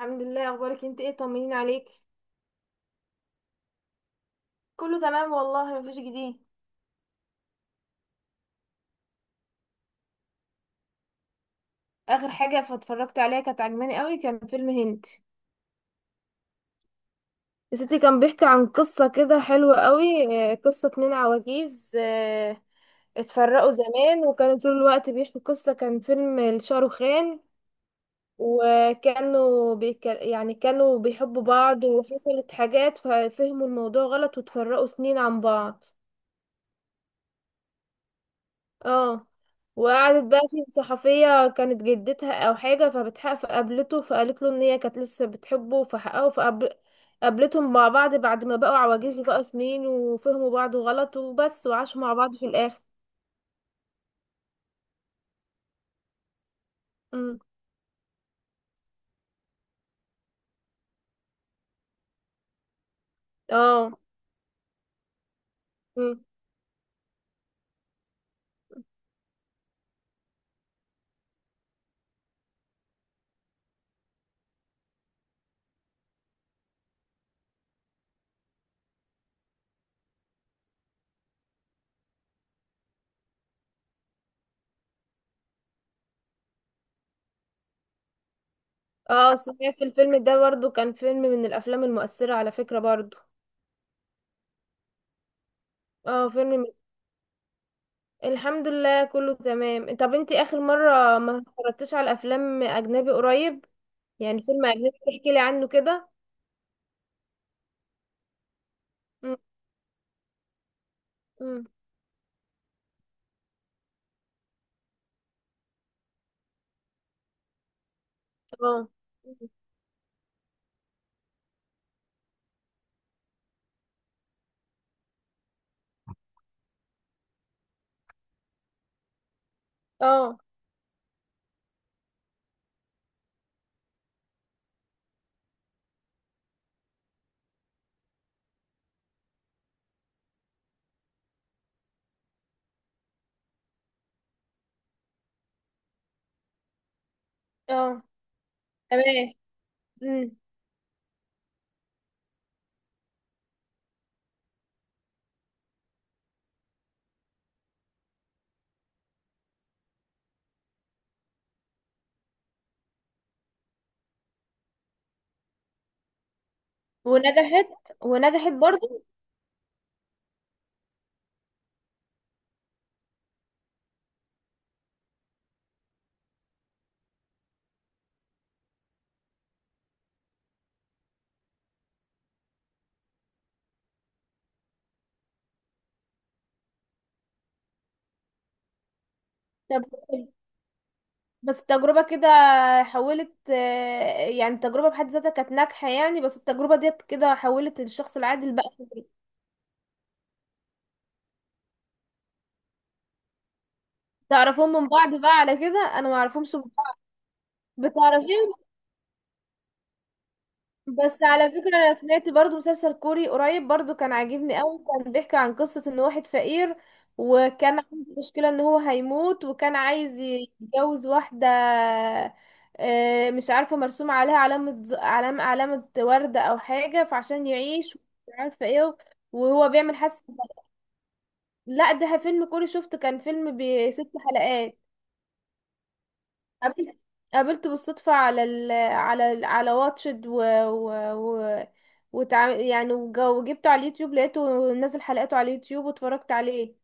الحمد لله، اخبارك إيه؟ انت ايه طمنين عليك. كله تمام والله، مفيش جديد. اخر حاجه فاتفرجت عليها كانت عجباني قوي، كان فيلم هند. يا ستي كان بيحكي عن قصه كده حلوه قوي. قصه اتنين عواجيز. اتفرقوا زمان وكانوا طول الوقت بيحكوا قصه، كان فيلم لشاروخان. يعني كانوا بيحبوا بعض وحصلت حاجات ففهموا الموضوع غلط واتفرقوا سنين عن بعض. اه، وقعدت بقى في صحفية كانت جدتها او حاجة فبتحق فقابلته فقالت له ان هي كانت لسه بتحبه فحققه فقابل. قابلتهم مع بعض بعد ما بقوا عواجيز وبقى سنين وفهموا بعض غلط وبس، وعاشوا مع بعض في الاخر. امم اه. امم اه. سمعت الفيلم ده برضو، كان فيلم من الافلام المؤثرة على فكرة برضو. اه، الحمد لله كله تمام. طب انتي اخر مرة ما اتفرجتيش على افلام اجنبي قريب؟ يعني فيلم اجنبي تحكي لي عنه كده. مم. اه، اه، اه. تمام. امم. ونجحت، ونجحت برضو. طب بس التجربة كده حولت، يعني التجربة بحد ذاتها كانت ناجحة يعني، بس التجربة ديت كده حولت الشخص العادي لبقى خبرة. تعرفون من بعض بقى على كده؟ انا ما اعرفهمش من بعض. بتعرفيهم؟ بس على فكرة انا سمعت برضو مسلسل كوري قريب برضو، كان عاجبني قوي. كان بيحكي عن قصة ان واحد فقير وكان عنده مشكلة ان هو هيموت، وكان عايز يتجوز واحدة. مش عارفة، مرسوم عليها علامة علامة وردة او حاجة فعشان يعيش. مش عارفة ايه، وهو بيعمل حس. لا، ده فيلم كوري شفته، كان فيلم بست حلقات. قابلت قابلته بالصدفة على واتشد و... يعني وجبته على اليوتيوب لقيته نازل حلقاته على اليوتيوب واتفرجت عليه.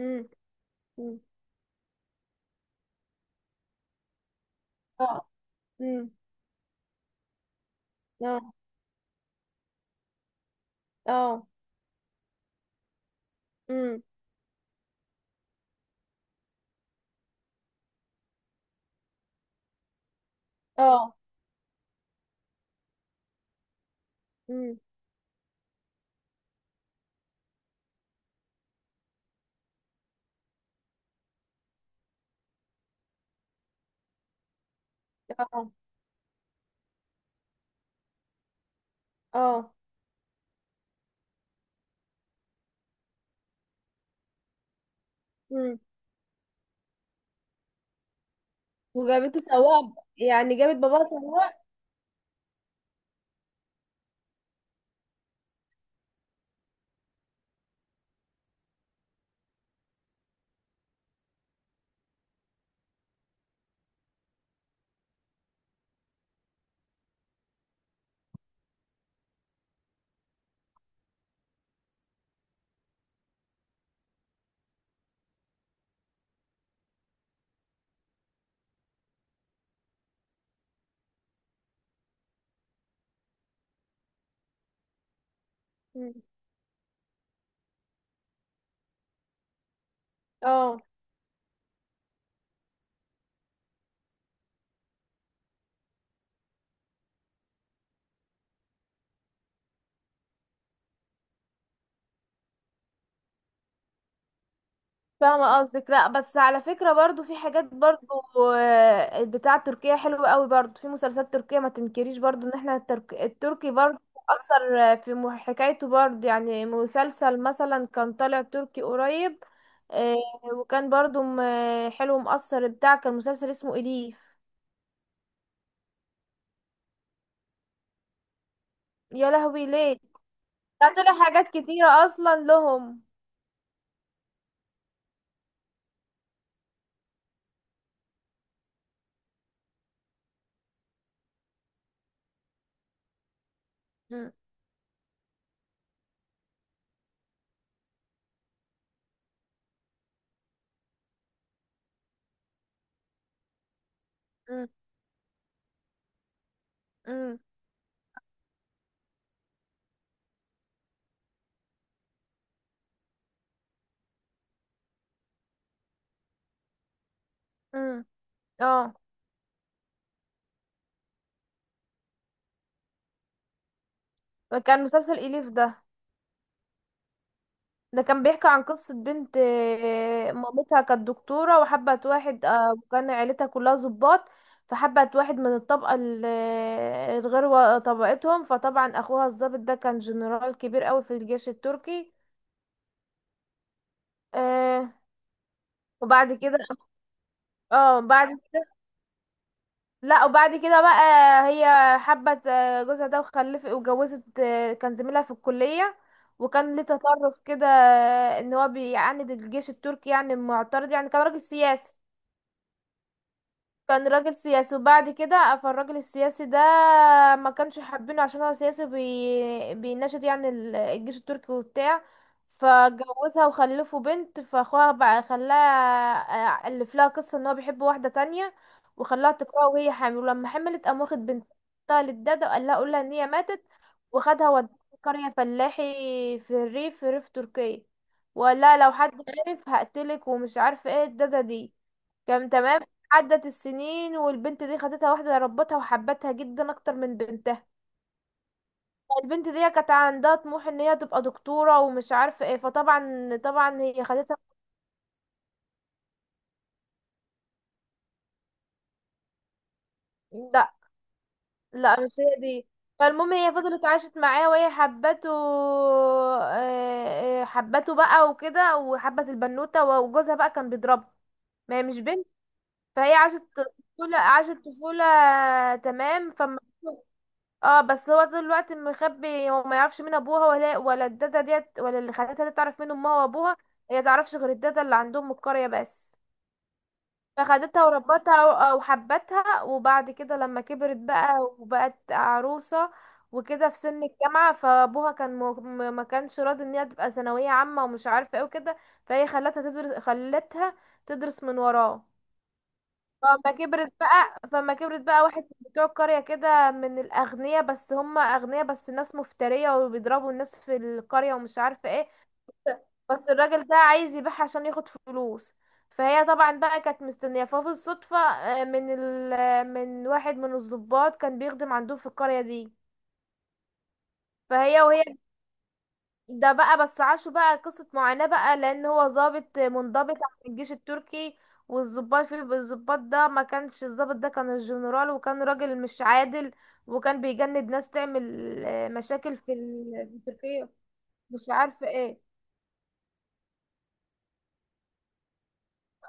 امم امم اه. امم اه، اه. امم اه. امم اه، اه. امم. وجابته سواق، يعني جابت باباها سواق. مم. اه. فاهمة قصدك، لا بس على فكرة برضو في حاجات برضو، بتاع تركيا حلوة قوي برضو، في مسلسلات تركية ما تنكريش برضو ان احنا التركي برضو اثر، في حكايته برضو، يعني مسلسل مثلا كان طالع تركي قريب. آه، وكان برضو حلو مؤثر بتاع، كان مسلسل اسمه إليف. يا لهوي ليه؟ ده طلع حاجات كتيرة اصلا لهم. م- م- م- م. اه، كان مسلسل إليف ده، ده كان بيحكي عن قصة بنت، مامتها كانت دكتورة وحبت واحد، وكان عيلتها كلها ضباط. فحبت واحد من الطبقة الغير طبقتهم، فطبعا أخوها الضابط ده كان جنرال كبير قوي في الجيش التركي. آه، وبعد كده، اه، بعد كده. لا وبعد كده بقى، هي حبت، جوزها ده وخلفت وجوزت، كان زميلها في الكلية. وكان ليه تطرف كده، ان هو بيعاند الجيش التركي يعني معترض، يعني كان راجل سياسي. وبعد كده فالراجل السياسي ده ما كانش حابينه عشان هو سياسي بيناشد يعني الجيش التركي وبتاع. فجوزها وخلفوا بنت، فاخوها بقى خلاها، الف لها قصة ان هو بيحب واحدة تانية وخلاها تقرأ وهي حامل. ولما حملت قام واخد بنتها للدادة وقال لها قول لها ان هي ماتت. وخدها وداها قرية فلاحي في الريف، في ريف تركيا، وقال لها لو حد عرف هقتلك، ومش عارفة ايه الدادة دي كان تمام. عدت السنين والبنت دي خدتها واحدة ربتها وحبتها جدا اكتر من بنتها. البنت دي كانت عندها طموح ان هي تبقى دكتورة ومش عارفة ايه. فطبعا هي خدتها. لا، لا مش هي دي. فالمهم هي فضلت عاشت معاه وهي حبته، حبته بقى وكده، وحبت البنوتة. وجوزها بقى كان بيضربها، ما هي مش بنت. فهي عاشت عاشت طفولة، تمام. اه بس هو طول الوقت مخبي، هو ما يعرفش مين ابوها، ولا الداده ديت ولا اللي خدتها دي تعرف مين امها وابوها. هي تعرفش غير الداده اللي عندهم من القريه بس. فخدتها وربتها وحبتها. وبعد كده لما كبرت بقى وبقت عروسه وكده في سن الجامعه، فابوها كان ما كانش راضي ان هي تبقى ثانويه عامه ومش عارفه ايه وكده. فهي خلتها تدرس خلتها تدرس من وراه. فما كبرت بقى، واحد من بتوع القرية كده من الأغنياء، بس هم أغنياء بس ناس مفترية وبيضربوا الناس في القرية ومش عارفة ايه. بس الراجل ده عايز يبيعها عشان ياخد فلوس. فهي طبعا بقى كانت مستنية، ففي الصدفة، آه، من ال... آه، من واحد من الضباط كان بيخدم عندهم في القرية دي. وهي ده بقى، بس عاشوا بقى قصة معاناة بقى لأن هو ضابط منضبط عن الجيش التركي. والضباط في الضباط ده ما كانش الضابط ده كان الجنرال وكان راجل مش عادل، وكان بيجند ناس تعمل، مشاكل في في تركيا، مش عارفة ايه.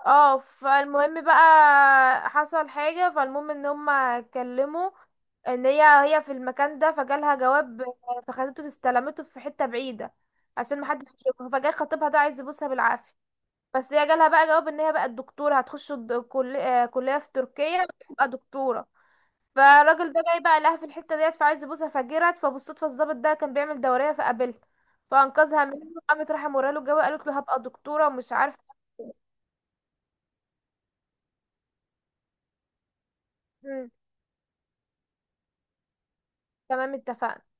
اه فالمهم بقى حصل حاجة، فالمهم ان هما اتكلموا. ان هي هي في المكان ده فجالها جواب، فخدته استلمته في حتة بعيدة عشان محدش يشوفها. فجاي خطيبها ده عايز يبوسها بالعافية. بس هي جالها بقى جواب ان هي بقت دكتوره، هتخش كليه في تركيا وتبقى دكتوره. فالراجل ده جاي بقى لها في الحته ديت فعايز يبوسها، فجرت. فبالصدفه الضابط ده كان بيعمل دوريه فقابلها، فانقذها منه. قامت راح موريله الجواب قالت له هبقى دكتوره ومش عارفه. مم، تمام اتفقنا.